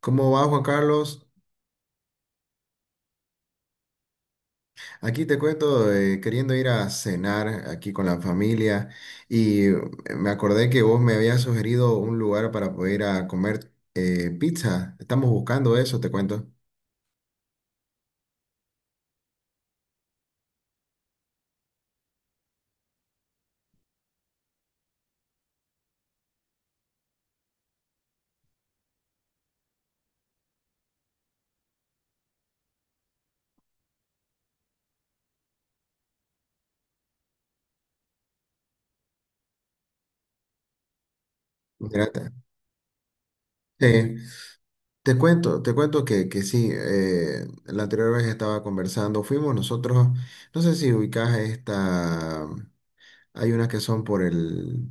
¿Cómo va Juan Carlos? Aquí te cuento, queriendo ir a cenar aquí con la familia y me acordé que vos me habías sugerido un lugar para poder ir a comer pizza. Estamos buscando eso, te cuento. Mira, te- Sí, te cuento que, sí, la anterior vez estaba conversando, fuimos nosotros, no sé si ubicás esta, hay unas que son por el,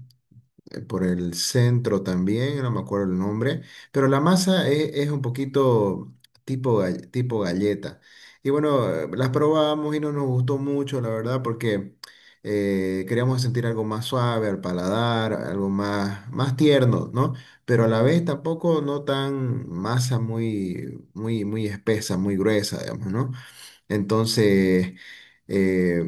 eh, por el centro también, no me acuerdo el nombre, pero la masa es un poquito tipo galleta. Y bueno, las probamos y no nos gustó mucho, la verdad, porque queríamos sentir algo más suave al paladar, algo más, más tierno, ¿no? Pero a la vez tampoco no tan masa muy espesa, muy gruesa, digamos, ¿no? Entonces, eh,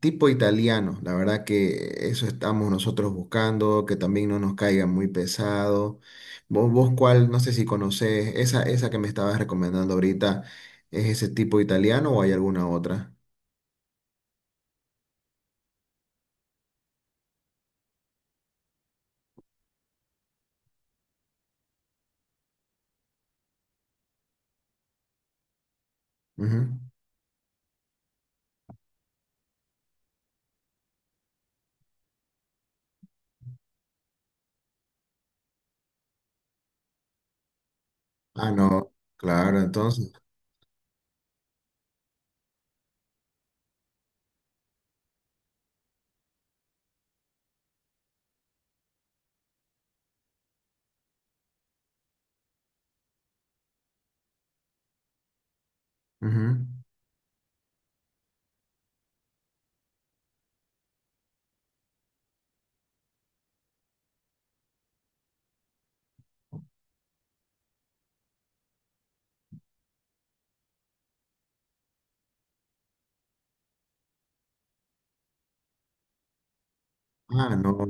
tipo italiano, la verdad que eso estamos nosotros buscando, que también no nos caiga muy pesado. Vos cuál, no sé si conocés, esa que me estabas recomendando ahorita, ¿es ese tipo italiano o hay alguna otra? Ujú. Ah, no, claro, entonces. Ujú. Ah, no.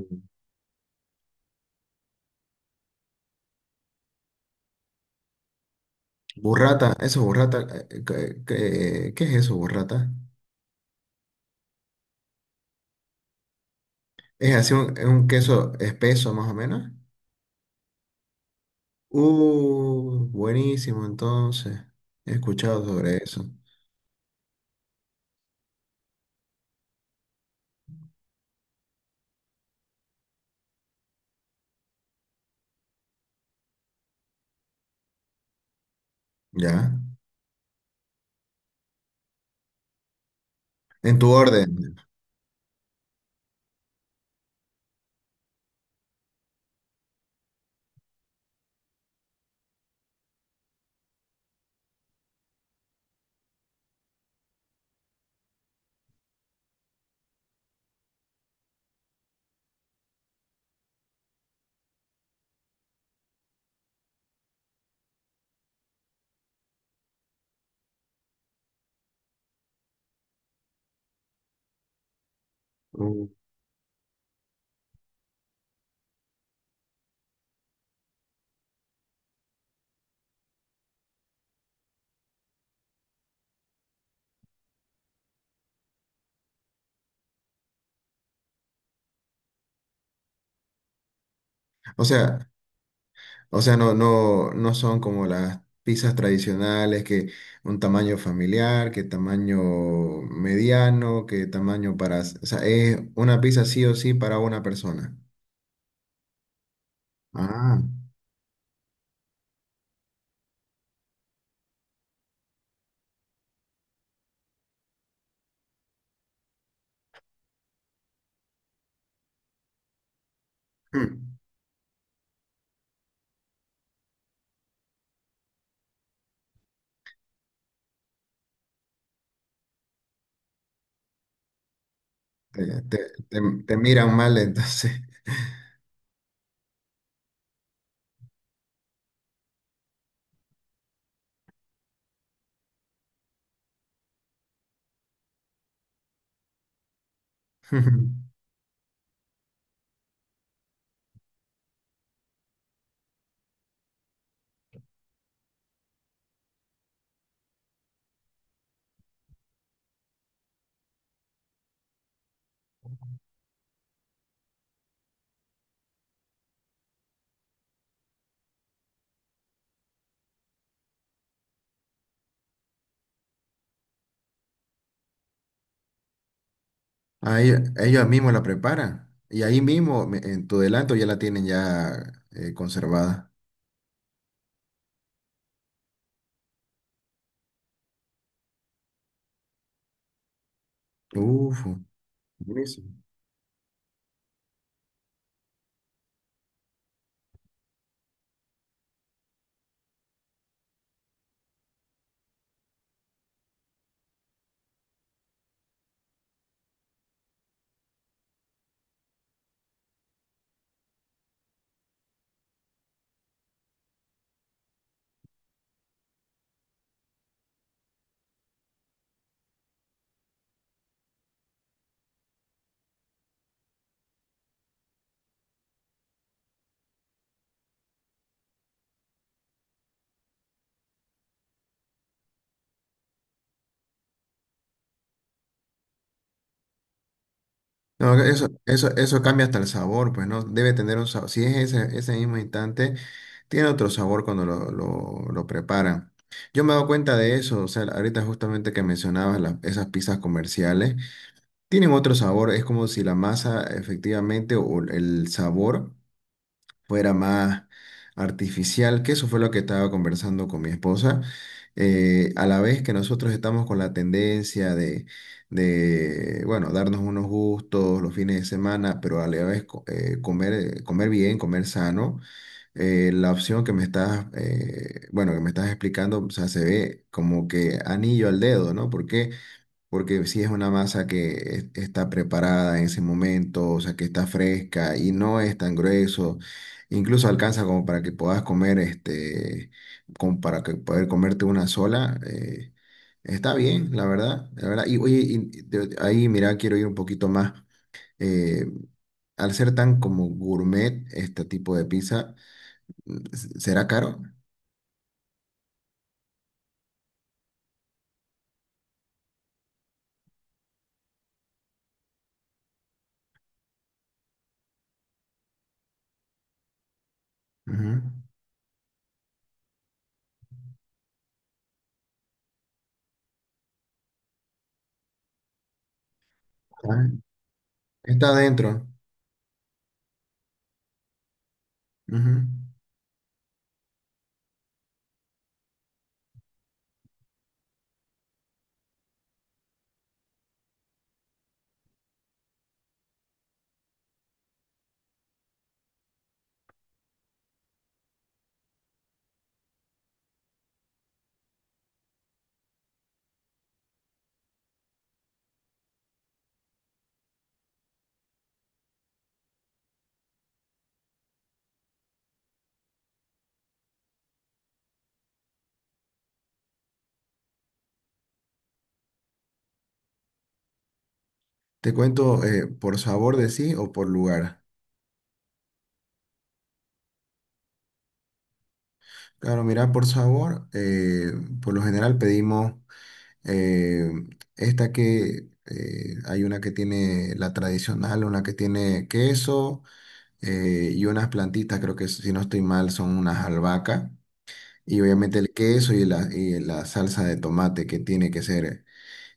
Burrata, eso es burrata. ¿Qué, qué es eso, burrata? Es así un, es un queso espeso más o menos. Buenísimo, entonces. He escuchado sobre eso. ¿Ya? En tu orden. Uh, O sea, no son como las pizzas tradicionales, que un tamaño familiar, que tamaño mediano, que tamaño para... O sea, es una pizza sí o sí para una persona. Ah. Hmm. Te, te- Te miran mal entonces. Ah, ellos mismos la preparan. Y ahí mismo, en tu delanto, ya la tienen ya conservada. Uf, buenísimo. No, eso cambia hasta el sabor, pues no debe tener un sabor. Si es ese, ese mismo instante, tiene otro sabor cuando lo preparan. Yo me he dado cuenta de eso, o sea, ahorita justamente que mencionabas esas pizzas comerciales, tienen otro sabor, es como si la masa efectivamente o el sabor fuera más artificial, que eso fue lo que estaba conversando con mi esposa. A la vez que nosotros estamos con la tendencia bueno, darnos unos gustos los fines de semana, pero a la vez comer, comer bien, comer sano, la opción que me estás, bueno, que me estás explicando, o sea, se ve como que anillo al dedo, ¿no? Porque si es una masa que está preparada en ese momento, o sea, que está fresca y no es tan grueso, incluso alcanza como para que puedas comer, este, como para que poder comerte una sola, está bien, la verdad. Y oye, y ahí mira, quiero ir un poquito más. eh, Al ser tan como gourmet este tipo de pizza, ¿será caro? Ujú. Ah, está adentro. Ujú. Te cuento por sabor de sí o por lugar. Claro, mira, por sabor, por lo general pedimos eh, esta que hay una que tiene la tradicional, una que tiene queso y unas plantitas, creo que si no estoy mal son unas albahacas y obviamente el queso y la salsa de tomate que tiene que ser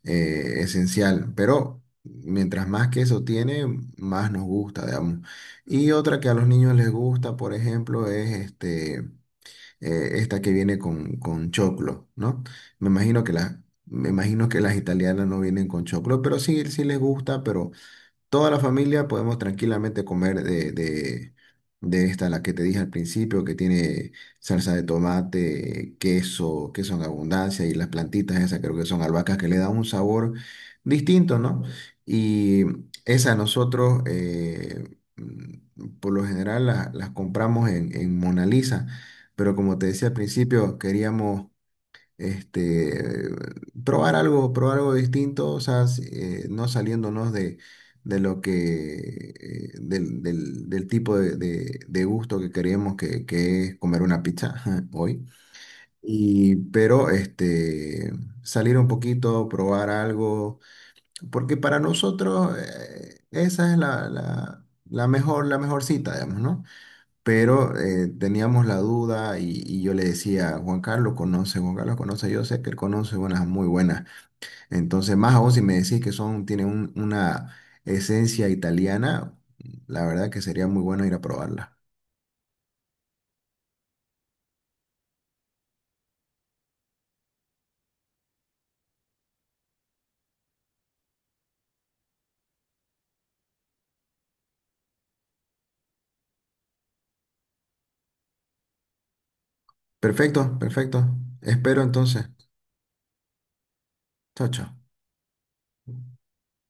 esencial, pero mientras más queso tiene, más nos gusta, digamos. Y otra que a los niños les gusta, por ejemplo, es este esta que viene con choclo, ¿no? Me imagino que las, Me imagino que las italianas no vienen con choclo, pero sí, sí les gusta, pero toda la familia podemos tranquilamente comer de esta, la que te dije al principio, que tiene salsa de tomate, queso, queso en abundancia y las plantitas esas creo que son albahacas que le dan un sabor distinto, ¿no? Y esa nosotros, por lo general, las compramos en Mona Lisa, pero como te decía al principio, queríamos este, probar algo distinto, o sea, no saliéndonos de lo que, del tipo de, de gusto que queremos que es comer una pizza hoy. Y, pero este, salir un poquito, probar algo, porque para nosotros esa es la mejor cita, digamos, ¿no? Pero teníamos la duda y yo le decía, Juan Carlos conoce, yo sé que él conoce unas muy buenas. Entonces, más aún si me decís que son, tienen una esencia italiana, la verdad que sería muy bueno ir a probarla. Perfecto, perfecto. Espero entonces. Chao, chao.